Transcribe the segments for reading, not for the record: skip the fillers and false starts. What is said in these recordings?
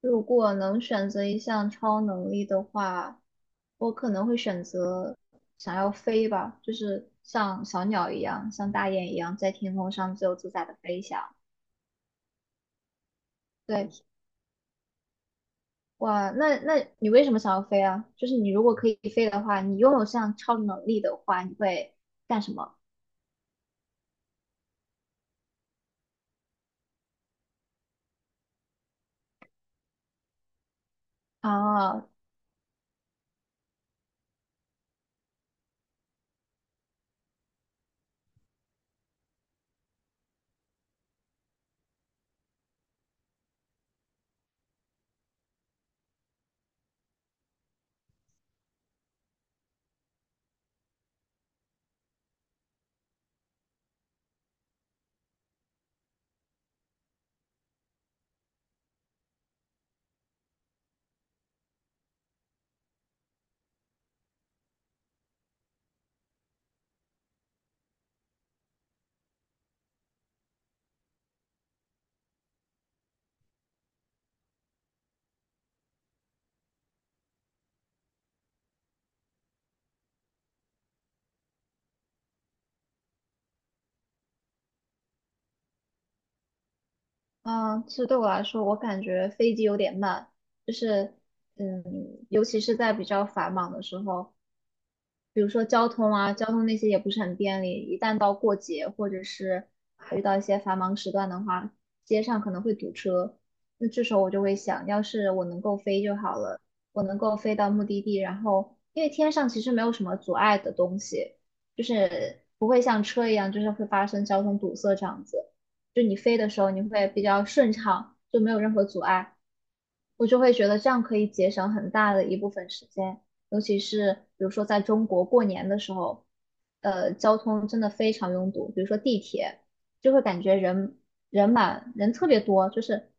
如果能选择一项超能力的话，我可能会选择想要飞吧，就是像小鸟一样，像大雁一样，在天空上自由自在的飞翔。对，哇，那你为什么想要飞啊？就是你如果可以飞的话，你拥有这样超能力的话，你会干什么啊？啊，其实对我来说，我感觉飞机有点慢，就是嗯，尤其是在比较繁忙的时候。比如说交通啊，交通那些也不是很便利，一旦到过节或者是遇到一些繁忙时段的话，街上可能会堵车。那这时候我就会想，要是我能够飞就好了，我能够飞到目的地，然后因为天上其实没有什么阻碍的东西，就是不会像车一样，就是会发生交通堵塞这样子。就你飞的时候，你会比较顺畅，就没有任何阻碍。我就会觉得这样可以节省很大的一部分时间，尤其是比如说在中国过年的时候，交通真的非常拥堵，比如说地铁，就会感觉人人满人特别多，就是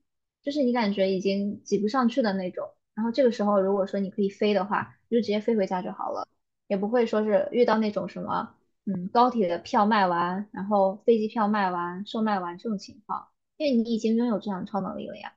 就是你感觉已经挤不上去的那种。然后这个时候，如果说你可以飞的话，你就直接飞回家就好了，也不会说是遇到那种什么，嗯，高铁的票卖完，然后飞机票卖完、售卖完这种情况，因为你已经拥有这样的超能力了呀。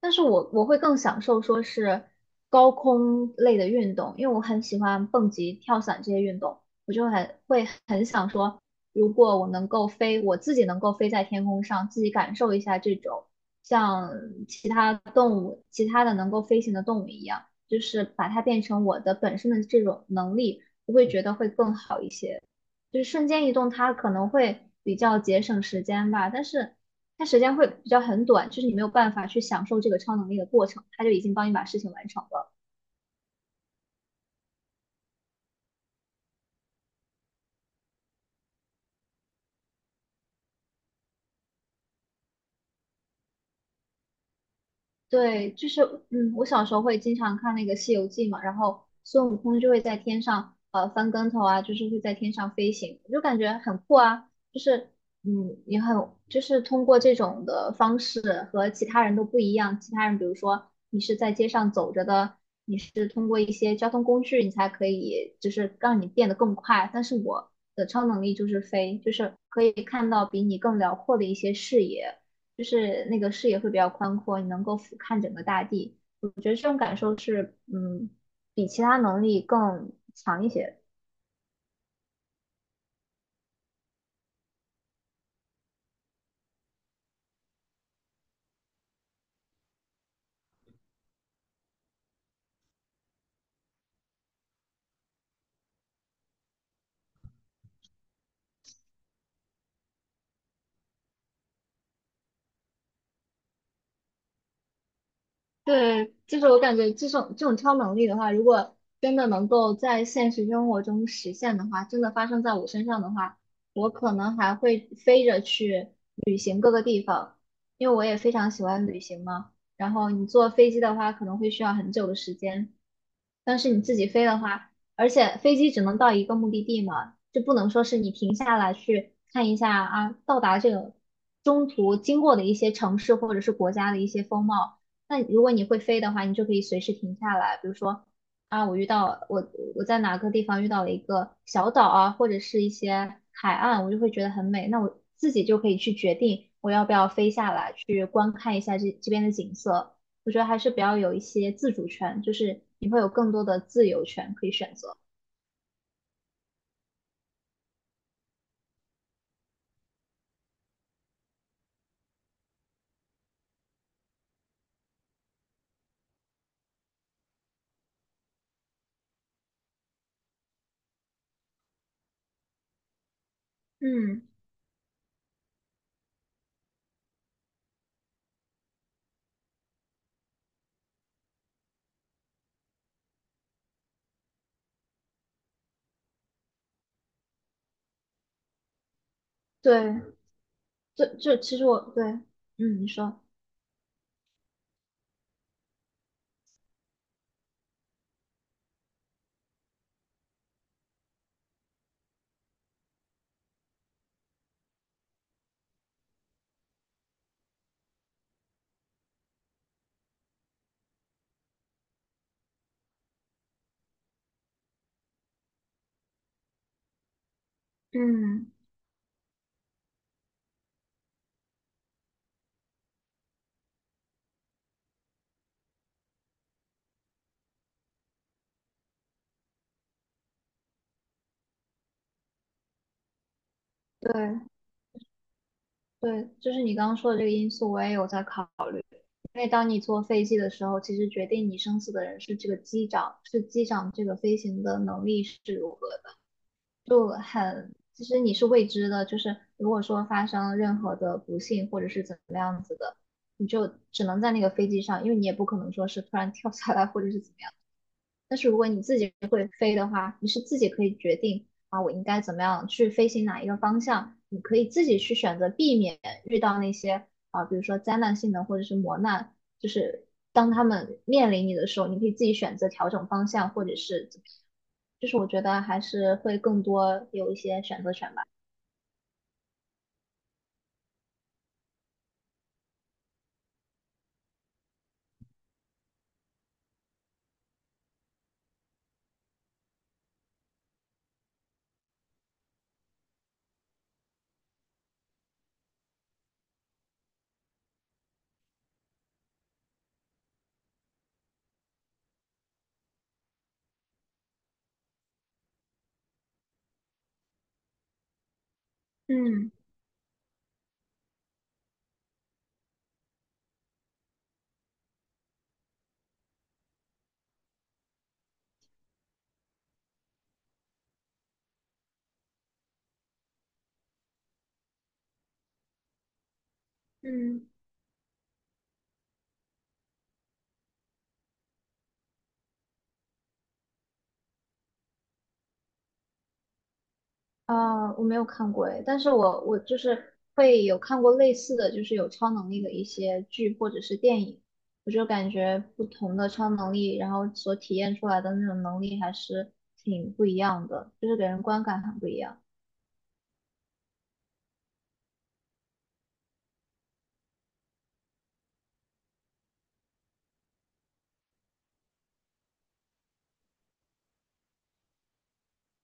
但是我会更享受说是高空类的运动，因为我很喜欢蹦极、跳伞这些运动，我就很会很想说，如果我能够飞，我自己能够飞在天空上，自己感受一下这种像其他动物、其他的能够飞行的动物一样，就是把它变成我的本身的这种能力，我会觉得会更好一些。就是瞬间移动，它可能会比较节省时间吧，但是它时间会比较很短，就是你没有办法去享受这个超能力的过程，它就已经帮你把事情完成了。对，就是嗯，我小时候会经常看那个《西游记》嘛，然后孙悟空就会在天上翻跟头啊，就是会在天上飞行，我就感觉很酷啊，就是嗯也很就是通过这种的方式和其他人都不一样，其他人比如说你是在街上走着的，你是通过一些交通工具你才可以就是让你变得更快，但是我的超能力就是飞，就是可以看到比你更辽阔的一些视野。就是那个视野会比较宽阔，你能够俯瞰整个大地。我觉得这种感受是，嗯，比其他能力更强一些。对，就是我感觉这种超能力的话，如果真的能够在现实生活中实现的话，真的发生在我身上的话，我可能还会飞着去旅行各个地方，因为我也非常喜欢旅行嘛。然后你坐飞机的话，可能会需要很久的时间，但是你自己飞的话，而且飞机只能到一个目的地嘛，就不能说是你停下来去看一下啊，到达这个中途经过的一些城市或者是国家的一些风貌。那如果你会飞的话，你就可以随时停下来，比如说啊，我遇到我我在哪个地方遇到了一个小岛啊，或者是一些海岸，我就会觉得很美。那我自己就可以去决定我要不要飞下来去观看一下这这边的景色。我觉得还是比较有一些自主权，就是你会有更多的自由权可以选择。嗯对，这这其实我对，嗯，你说。嗯，对，对，就是你刚刚说的这个因素，我也有在考因为当你坐飞机的时候，其实决定你生死的人是这个机长，是机长这个飞行的能力是如何的，就很其实你是未知的，就是如果说发生任何的不幸或者是怎么样子的，你就只能在那个飞机上，因为你也不可能说是突然跳下来或者是怎么样。但是如果你自己会飞的话，你是自己可以决定啊，我应该怎么样去飞行哪一个方向，你可以自己去选择避免遇到那些啊，比如说灾难性的或者是磨难，就是当他们面临你的时候，你可以自己选择调整方向，或者是就是我觉得还是会更多有一些选择权吧。嗯嗯，啊，我没有看过诶，但是我就是会有看过类似的就是有超能力的一些剧或者是电影，我就感觉不同的超能力，然后所体验出来的那种能力还是挺不一样的，就是给人观感很不一样。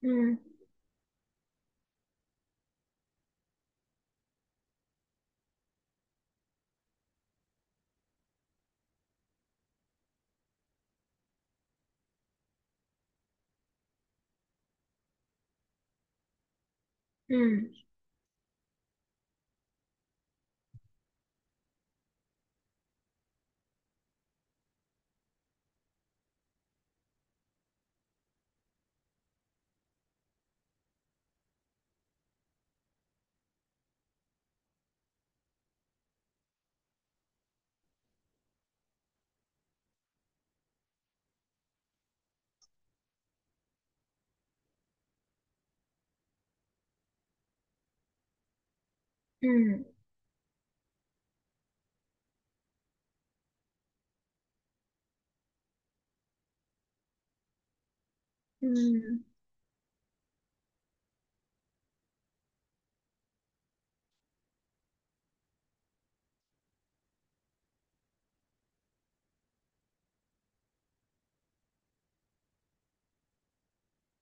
嗯嗯嗯嗯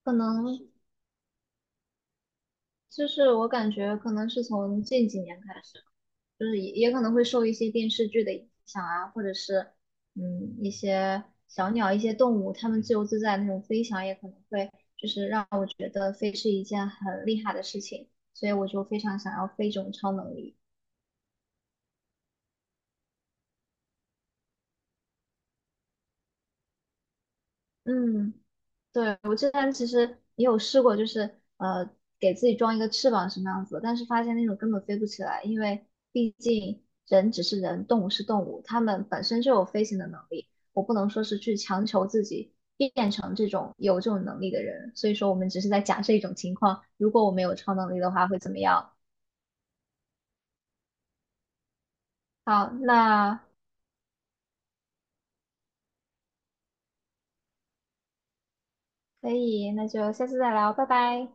可能就是我感觉可能是从近几年开始。就是也可能会受一些电视剧的影响啊，或者是嗯一些小鸟、一些动物，它们自由自在那种飞翔，也可能会就是让我觉得飞是一件很厉害的事情，所以我就非常想要飞这种超能力。嗯。对，我之前其实也有试过，就是给自己装一个翅膀什么样子的但是发现那种根本飞不起来，因为毕竟人只是人，动物是动物，它们本身就有飞行的能力，我不能说是去强求自己变成这种有这种能力的人。所以说，我们只是在假设一种情况，如果我们有超能力的话会怎么样？好，那可以，那就下次再聊，拜拜。